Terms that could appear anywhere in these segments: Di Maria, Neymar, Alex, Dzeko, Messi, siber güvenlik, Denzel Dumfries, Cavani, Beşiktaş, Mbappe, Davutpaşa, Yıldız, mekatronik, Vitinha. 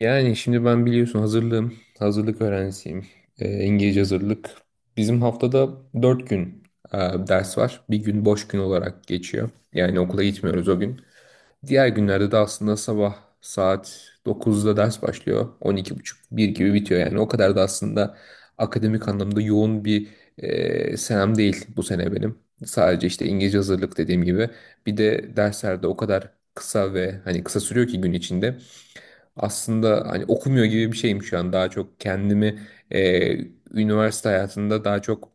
Yani şimdi ben biliyorsun hazırlığım, hazırlık öğrencisiyim. İngilizce hazırlık. Bizim haftada 4 gün e, ders var. Bir gün boş gün olarak geçiyor. Yani okula gitmiyoruz o gün. Diğer günlerde de aslında sabah saat 9'da ders başlıyor. 12.30, bir gibi bitiyor yani. O kadar da aslında akademik anlamda yoğun bir senem değil bu sene benim. Sadece işte İngilizce hazırlık dediğim gibi. Bir de derslerde o kadar kısa ve hani kısa sürüyor ki gün içinde. Aslında hani okumuyor gibi bir şeyim şu an. Daha çok kendimi e, üniversite hayatında daha çok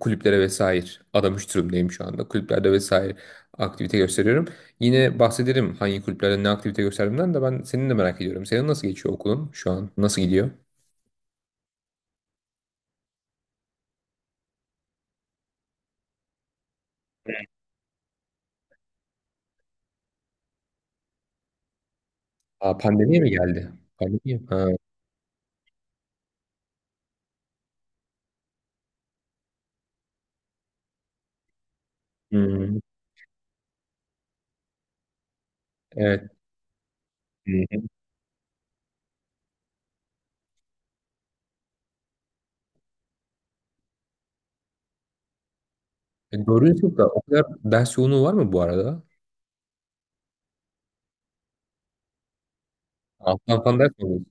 kulüplere vesaire adamış durumdayım şu anda. Kulüplerde vesaire aktivite gösteriyorum. Yine bahsederim hangi kulüplerde ne aktivite gösterdiğimden de ben senin de merak ediyorum. Senin nasıl geçiyor okulun şu an? Nasıl gidiyor? Aa, pandemiye mi geldi? Pandemiye mi? Ha. Hmm, evet. Hı hı. E, doğru, çok da o kadar ders yoğunluğu var mı bu arada? Alttan falan ders mi alıyorsun?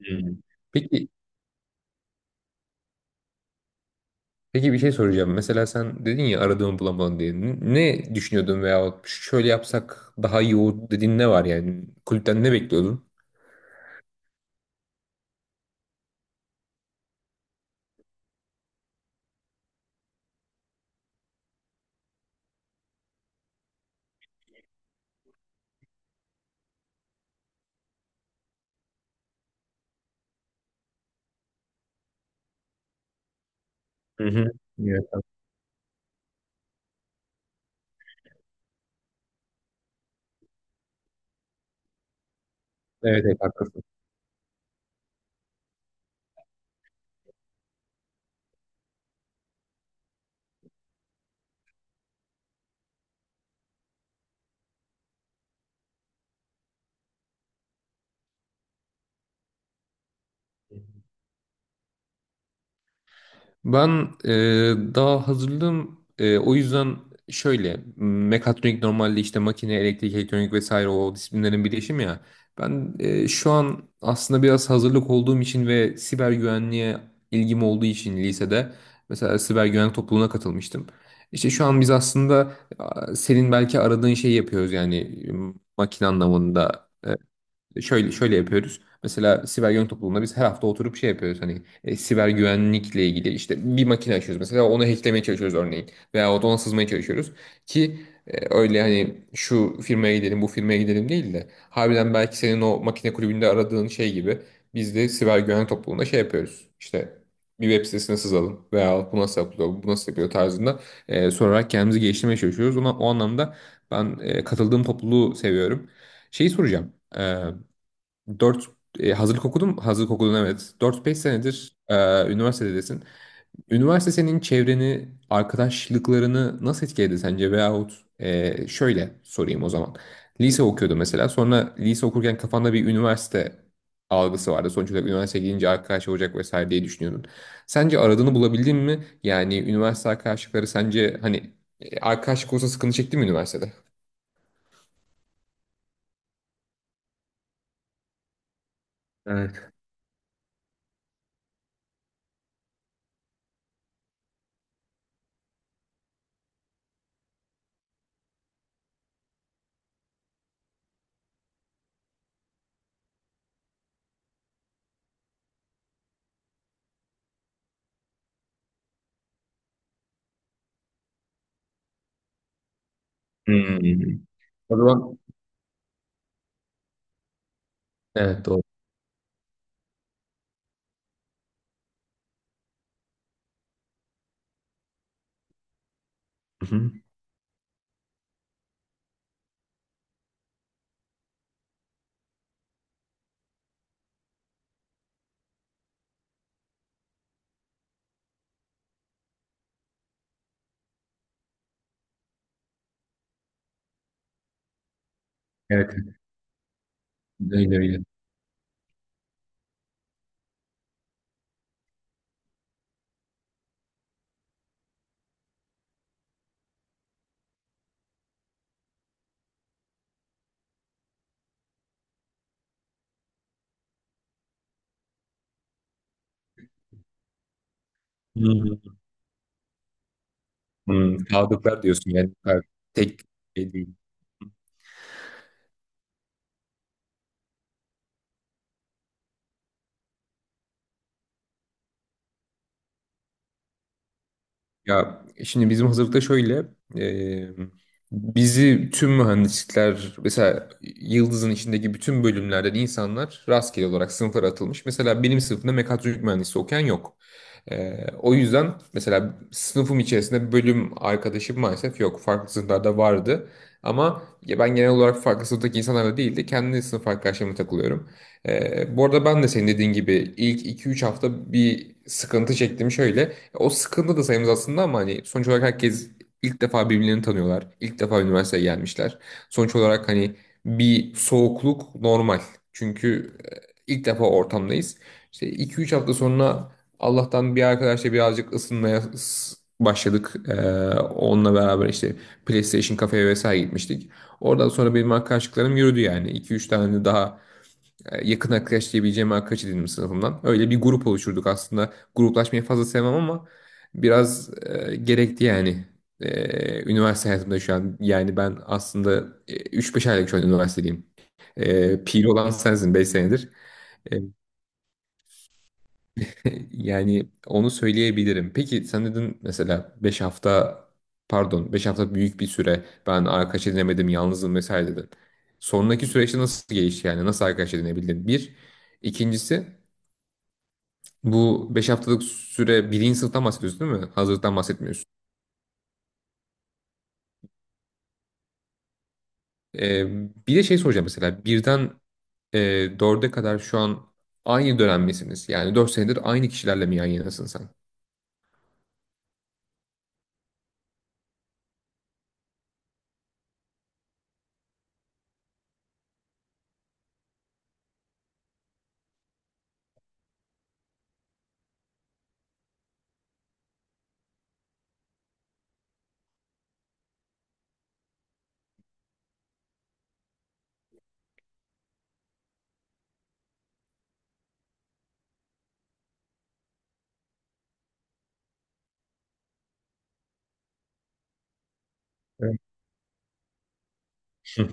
Hmm. Peki Peki, bir şey soracağım. Mesela sen dedin ya aradığımı bulamadın diye. Ne düşünüyordun veya şöyle yapsak daha iyi olur dediğin ne var yani? Kulüpten ne bekliyordun? Hı hı. Evet, tamam. Evet, evet, haklısın. Ben daha hazırlığım, o yüzden şöyle, mekatronik normalde işte makine, elektrik, elektronik vesaire o disiplinlerin birleşimi ya. Ben şu an aslında biraz hazırlık olduğum için ve siber güvenliğe ilgim olduğu için lisede mesela siber güvenlik topluluğuna katılmıştım. İşte şu an biz aslında, senin belki aradığın şeyi yapıyoruz yani, makine anlamında. Şöyle şöyle yapıyoruz. Mesela siber güvenlik topluluğunda biz her hafta oturup şey yapıyoruz. Hani, siber güvenlikle ilgili işte bir makine açıyoruz, mesela onu hacklemeye çalışıyoruz örneğin. Veya ona sızmaya çalışıyoruz. Ki öyle, hani şu firmaya gidelim bu firmaya gidelim değil de harbiden belki senin o makine kulübünde aradığın şey gibi biz de siber güvenlik topluluğunda şey yapıyoruz. İşte bir web sitesine sızalım veya bu nasıl yapılıyor, bu nasıl yapıyor tarzında sorarak kendimizi geliştirmeye çalışıyoruz. Ona, o anlamda ben katıldığım topluluğu seviyorum. Şeyi soracağım. Dört Hazırlık okudum, hazırlık okudun evet. 4-5 senedir üniversitedesin. Üniversite senin çevreni, arkadaşlıklarını nasıl etkiledi sence? Veyahut şöyle sorayım o zaman. Lise okuyordu mesela. Sonra lise okurken kafanda bir üniversite algısı vardı. Sonuç olarak üniversiteye gidince arkadaş olacak vesaire diye düşünüyordun. Sence aradığını bulabildin mi? Yani üniversite arkadaşlıkları sence hani, arkadaşlık olsa sıkıntı çekti mi üniversitede? Evet. Hmm. O zaman evet. Evet, doğru. Hı hı. Evet. Öyle öyle. Hmm. Hmm, kağıtlıklar diyorsun yani. Ha, tek şey değil. Ya şimdi bizim hazırlıkta şöyle, e, bizi tüm mühendislikler, mesela Yıldız'ın içindeki bütün bölümlerden insanlar rastgele olarak sınıflara atılmış. Mesela benim sınıfımda mekatronik mühendisi okuyan yok. O yüzden mesela sınıfım içerisinde bölüm arkadaşım maalesef yok. Farklı sınıflarda vardı. Ama ya ben genel olarak farklı sınıftaki insanlarla değil de kendi sınıf arkadaşlarımla takılıyorum. Bu arada ben de senin dediğin gibi ilk 2-3 hafta bir sıkıntı çektim şöyle. O sıkıntı da sayımız aslında, ama hani sonuç olarak herkes ilk defa birbirlerini tanıyorlar. İlk defa üniversiteye gelmişler. Sonuç olarak hani bir soğukluk normal. Çünkü ilk defa ortamdayız. İşte 2-3 hafta sonra Allah'tan bir arkadaşla birazcık ısınmaya başladık. Onunla beraber işte PlayStation kafeye vesaire gitmiştik. Oradan sonra benim arkadaşlıklarım yürüdü yani. 2-3 tane daha yakın arkadaş diyebileceğim arkadaş edindim sınıfımdan. Öyle bir grup oluşturduk aslında. Gruplaşmayı fazla sevmem ama biraz gerekti yani. Üniversite hayatımda şu an, yani ben aslında 3-5 aylık şu an üniversitedeyim. Piri olan sensin, 5 senedir. E, Yani onu söyleyebilirim. Peki sen dedin mesela, 5 hafta büyük bir süre, ben arkadaş edinemedim, yalnızım vesaire dedin. Sonraki süreçte nasıl gelişti, yani nasıl arkadaş edinebildin? Bir. İkincisi, bu 5 haftalık süre, birinci sınıftan bahsediyorsun değil mi? Hazırlıktan bahsetmiyorsun. Ee, bir de şey soracağım, mesela birden e, dörde kadar, şu an aynı dönem misiniz? Yani 4 senedir aynı kişilerle mi yan yanasın sen? Evet. Hı.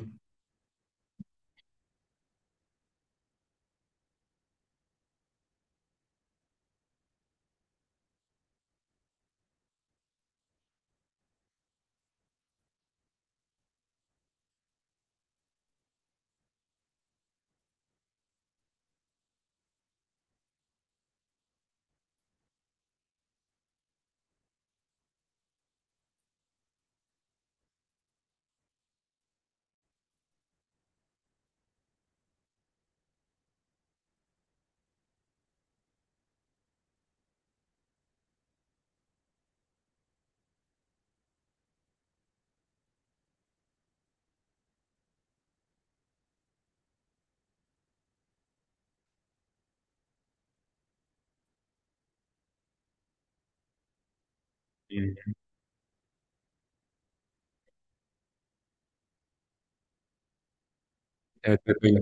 Evet, evet öyle.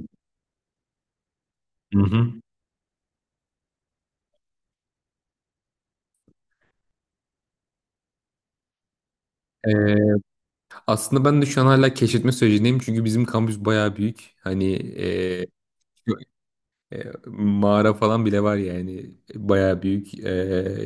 Hı hı. Ee, aslında ben de şu an hala keşfetme sürecindeyim, çünkü bizim kampüs bayağı büyük. Hani, mağara falan bile var yani, bayağı büyük,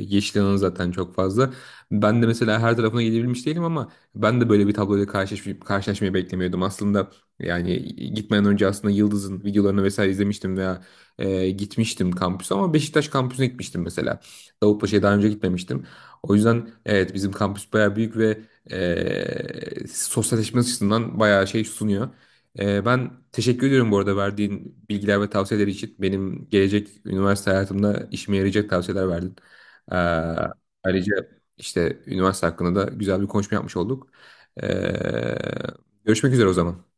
yeşil alanı zaten çok fazla. Ben de mesela her tarafına gidebilmiş değilim, ama ben de böyle bir tabloyla karşılaşmayı beklemiyordum. Aslında yani, gitmeden önce aslında Yıldız'ın videolarını vesaire izlemiştim, veya gitmiştim kampüse, ama Beşiktaş kampüsüne gitmiştim mesela. Davutpaşa'ya daha önce gitmemiştim. O yüzden evet, bizim kampüs bayağı büyük ve sosyalleşme açısından bayağı şey sunuyor. Ben teşekkür ediyorum bu arada verdiğin bilgiler ve tavsiyeler için. Benim gelecek üniversite hayatımda işime yarayacak tavsiyeler verdin. Ee, ayrıca işte üniversite hakkında da güzel bir konuşma yapmış olduk. Ee, görüşmek üzere o zaman.